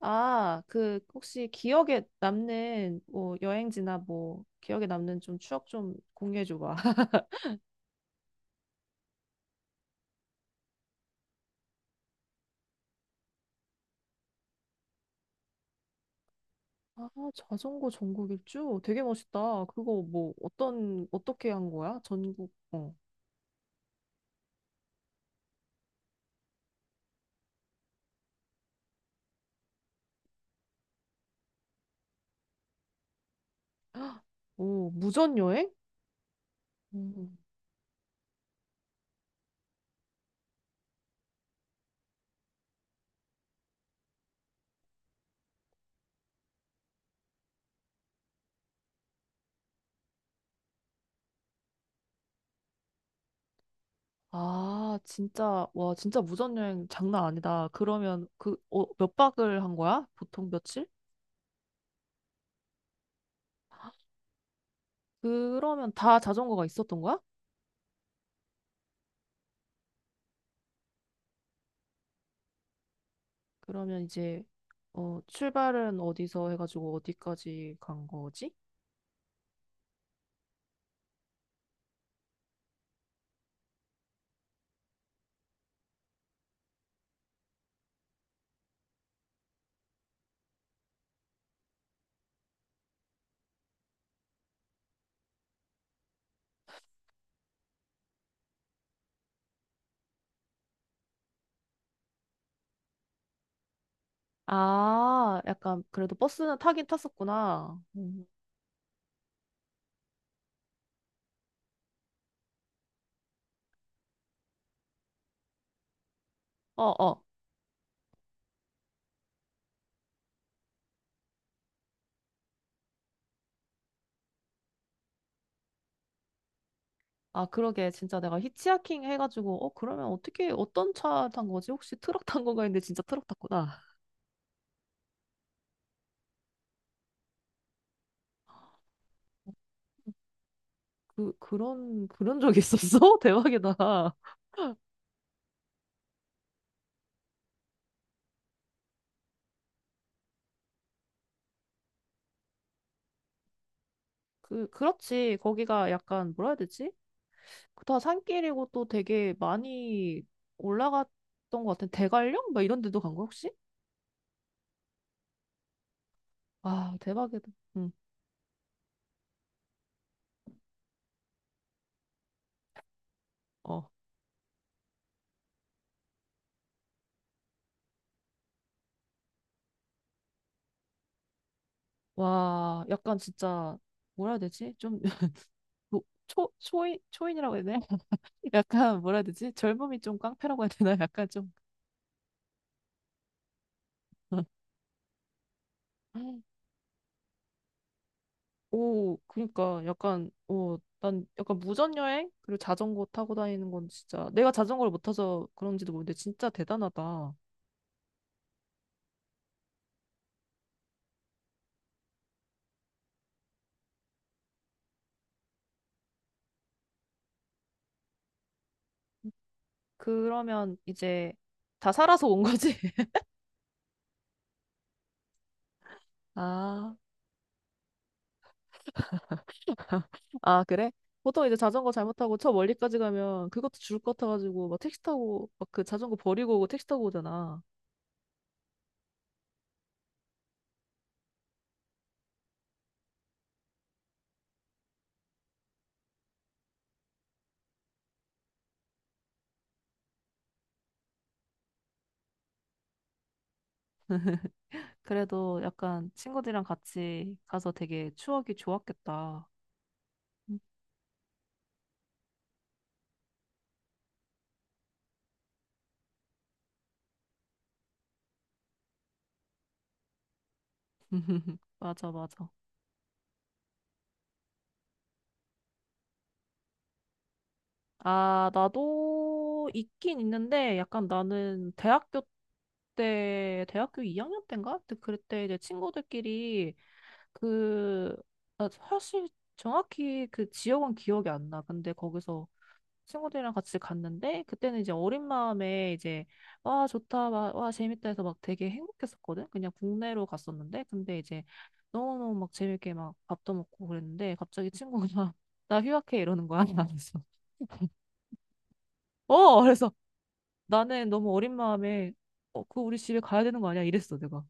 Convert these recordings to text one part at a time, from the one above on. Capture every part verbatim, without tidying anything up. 아, 그 혹시 기억에 남는 뭐 여행지나 뭐 기억에 남는 좀 추억 좀 공유해 줘 봐. 아, 자전거 전국 일주 되게 멋있다. 그거 뭐 어떤 어떻게 한 거야? 전국 어. 오, 무전 여행? 음. 아, 진짜 와, 진짜 무전 여행 장난 아니다. 그러면 그 어, 몇 박을 한 거야? 보통 며칠? 그러면 다 자전거가 있었던 거야? 그러면 이제 어, 출발은 어디서 해가지고 어디까지 간 거지? 아, 약간 그래도 버스는 타긴 탔었구나. 음. 어, 어. 아, 그러게. 진짜 내가 히치하킹 해가지고, 어, 그러면 어떻게, 어떤 차 탄 거지? 혹시 트럭 탄 건가 했는데 진짜 트럭 탔구나. 그, 그런, 그런 적이 있었어? 대박이다. 그, 그렇지. 거기가 약간, 뭐라 해야 되지? 다 산길이고 또 되게 많이 올라갔던 것 같은 대관령? 막 이런 데도 간 거야, 혹시? 와, 대박이다. 응, 어. 와, 약간 진짜, 뭐라 해야 되지? 좀, 뭐, 초, 초인, 초인이라고 해야 되나? 약간, 뭐라 해야 되지? 젊음이 좀 깡패라고 해야 되나? 약간 좀. 오, 그니까, 약간, 오, 난 약간 무전여행? 그리고 자전거 타고 다니는 건 진짜, 내가 자전거를 못 타서 그런지도 모르는데, 진짜 대단하다. 그러면 이제 다 살아서 온 거지? 아. 아, 그래? 보통 이제 자전거 잘못하고 저 멀리까지 가면 그것도 줄 것 같아가지고 막 택시 타고 막 그 자전거 버리고 오고 택시 타고 오잖아. 그래도 약간 친구들이랑 같이 가서 되게 추억이 좋았겠다. 맞아, 맞아. 아, 나도 있긴 있는데 약간 나는 대학교 때, 대학교 이 학년 때인가? 그때 그때 이제 친구들끼리 그, 아, 사실 정확히 그 지역은 기억이 안 나. 근데 거기서 친구들이랑 같이 갔는데 그때는 이제 어린 마음에 이제 와 좋다 와, 와 재밌다 해서 막 되게 행복했었거든. 그냥 국내로 갔었는데 근데 이제 너무너무 막 재밌게 막 밥도 먹고 그랬는데 갑자기 친구가 나 휴학해 이러는 거야. 그래서 어, 그래서 나는 너무 어린 마음에 어, 그 우리 집에 가야 되는 거 아니야 이랬어 내가.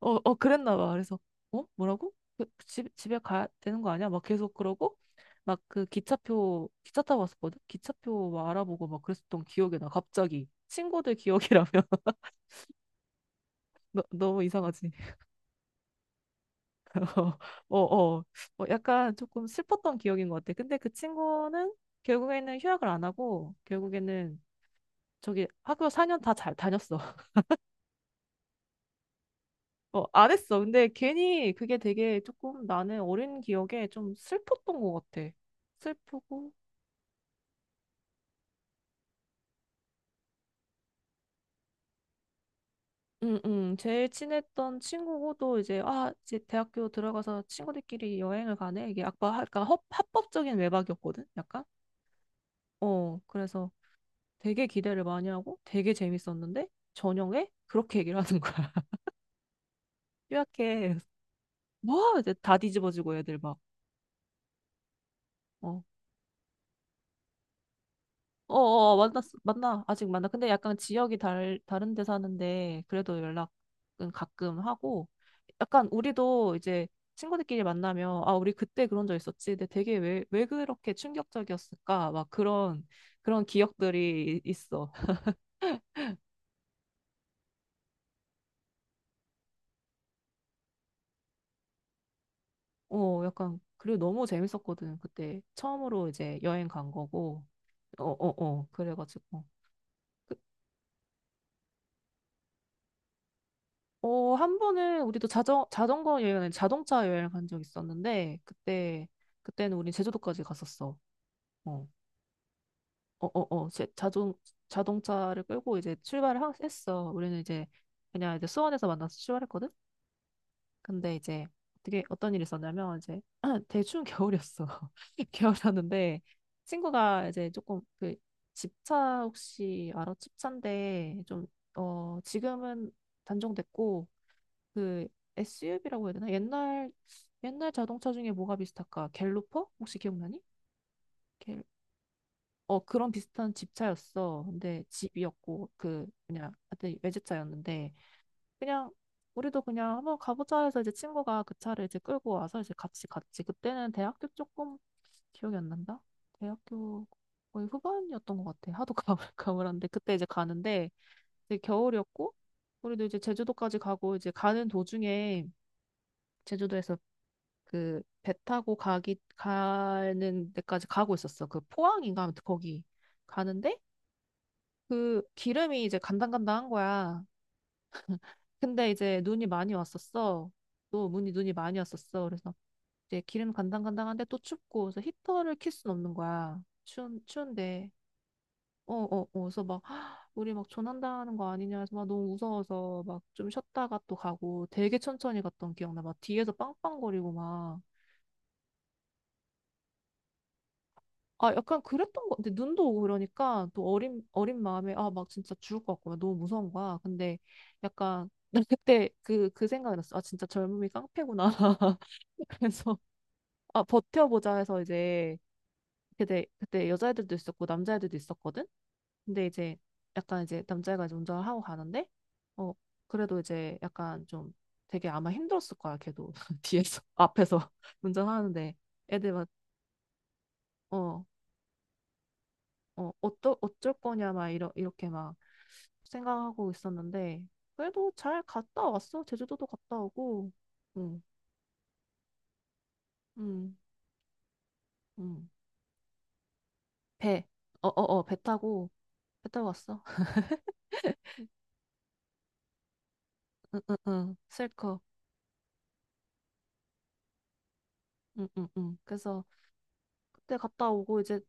어, 어, 그랬나 봐. 그래서, 어? 뭐라고? 그 그 집, 집에 가야 되는 거 아니야? 막 계속 그러고, 막 그 기차표, 기차 타고 왔었거든? 기차표 막 알아보고 막 그랬었던 기억이 나, 갑자기. 친구들 기억이라면. 너, 너무 이상하지? 어, 어, 어, 약간 조금 슬펐던 기억인 것 같아. 근데 그 친구는 결국에는 휴학을 안 하고, 결국에는 저기 학교 사 년 다 잘 다녔어. 어, 안 했어. 근데 괜히 그게 되게 조금 나는 어린 기억에 좀 슬펐던 것 같아. 슬프고 응, 응. 제일 친했던 친구고, 또 이제, 아, 이제 대학교 들어가서 친구들끼리 여행을 가네? 이게 아까, 아까 합, 합법적인 외박이었거든? 약간? 어, 그래서 되게 기대를 많이 하고 되게 재밌었는데, 저녁에 그렇게 얘기를 하는 거야. 뾰약해. 뭐? 이제 다 뒤집어지고 애들 막. 어, 어어 만났 만나, 아직 만나. 근데 약간 지역이 달 다른 데 사는데 그래도 연락은 가끔 하고, 약간 우리도 이제 친구들끼리 만나면, 아 우리 그때 그런 적 있었지, 근데 되게 왜 왜 그렇게 충격적이었을까 막 그런 그런 기억들이 이- 있어. 어, 약간 그리고 너무 재밌었거든. 그때 처음으로 이제 여행 간 거고 어어어. 그래가지고 어, 한 번은 우리도 자전, 자전거 여행은 아니라 자동차 여행을 간 적 있었는데, 그때, 그때는 우린 제주도까지 갔었어. 어, 어, 어, 어. 제, 자동, 자동차를 끌고 이제 출발을 하- 했어. 우리는 이제 그냥 이제 수원에서 만나서 출발했거든? 근데 이제 어떻게, 어떤 일이 있었냐면, 이제 되게 추운 겨울이었어. 겨울이었는데, 친구가 이제 조금 그 집차 혹시 알아? 집차인데, 좀, 어, 지금은 단종됐고, 그 에스유브이라고 해야 되나? 옛날 옛날 자동차 중에 뭐가 비슷할까? 갤로퍼? 혹시 기억나니? 갤... 어, 그런 비슷한 집차였어. 근데 집이었고 그 그냥 하여튼 외제차였는데 그냥 우리도 그냥 한번 가보자 해서 이제 친구가 그 차를 이제 끌고 와서 이제 같이 갔지. 그때는 대학교 조금 기억이 안 난다. 대학교 거의 후반이었던 것 같아. 하도 가물가물한데 그때 이제 가는데 이제 겨울이었고 우리도 이제 제주도까지 가고 이제 가는 도중에 제주도에서 그 배 타고 가기 가는 데까지 가고 있었어. 그 포항인가 아무튼 거기 가는데 그 기름이 이제 간당간당한 거야. 근데 이제 눈이 많이 왔었어. 또 눈이 눈이 많이 왔었어. 그래서 이제 기름 간당간당한데 또 춥고 그래서 히터를 킬 순 없는 거야. 추운 추운데 어어어 그래서 막 우리 막 조난당하는 거 아니냐 해서 막 너무 무서워서 막 좀 쉬었다가 또 가고 되게 천천히 갔던 기억나. 막 뒤에서 빵빵거리고 막. 아, 약간 그랬던 거 같아. 눈도 오고 그러니까 또 어린, 어린 마음에 아, 막 진짜 죽을 것 같고 막 너무 무서운 거야. 근데 약간 난 그때 그, 그 생각이 났어. 아, 진짜 젊음이 깡패구나. 그래서 아, 버텨보자 해서 이제 그때, 그때 여자애들도 있었고 남자애들도 있었거든? 근데 이제 약간 이제 남자애가 이제 운전을 하고 가는데 어, 그래도 이제 약간 좀 되게 아마 힘들었을 거야. 걔도 뒤에서, 앞에서 운전하는데 애들 막 어, 어, 어떠, 어쩔 거냐, 막, 이러, 이렇게 막 생각하고 있었는데, 그래도 잘 갔다 왔어. 제주도도 갔다 오고, 응, 응, 응. 배, 어, 어, 어, 배 타고, 배 타고 왔어. 응, 응, 실컷. 응, 응, 응. 그래서 그때 갔다 오고, 이제,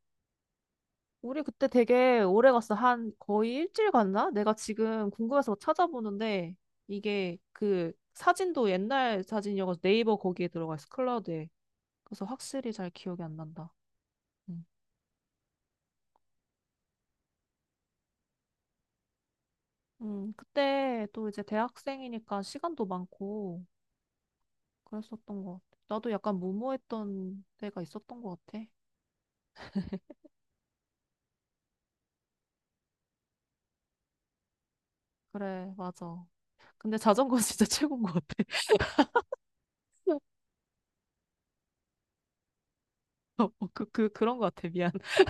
우리 그때 되게 오래 갔어. 한 거의 일주일 갔나? 내가 지금 궁금해서 막 찾아보는데, 이게 그 사진도 옛날 사진이어서 네이버 거기에 들어가 있어. 클라우드에. 그래서 확실히 잘 기억이 안 난다. 응. 음, 그때 또 이제 대학생이니까 시간도 많고 그랬었던 것 같아. 나도 약간 무모했던 때가 있었던 것 같아. 그래, 맞아. 근데 자전거 진짜 최고인 것 같아. 어, 어, 그, 그, 그런 것 같아. 미안.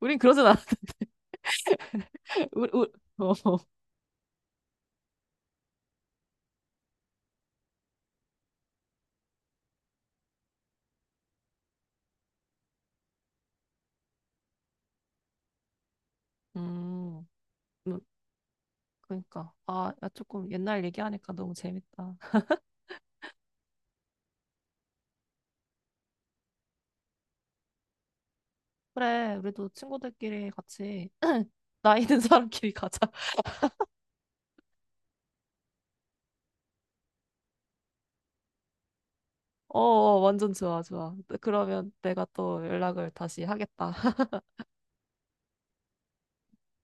우린 그러진 않았대. 우리, 우리, 어. 음, 음, 그러니까. 아, 야, 조금 옛날 얘기하니까 너무 재밌다. 그래, 우리도 친구들끼리 같이 나이 든 사람끼리 가자. 어, 어, 완전 좋아, 좋아. 그러면 내가 또 연락을 다시 하겠다.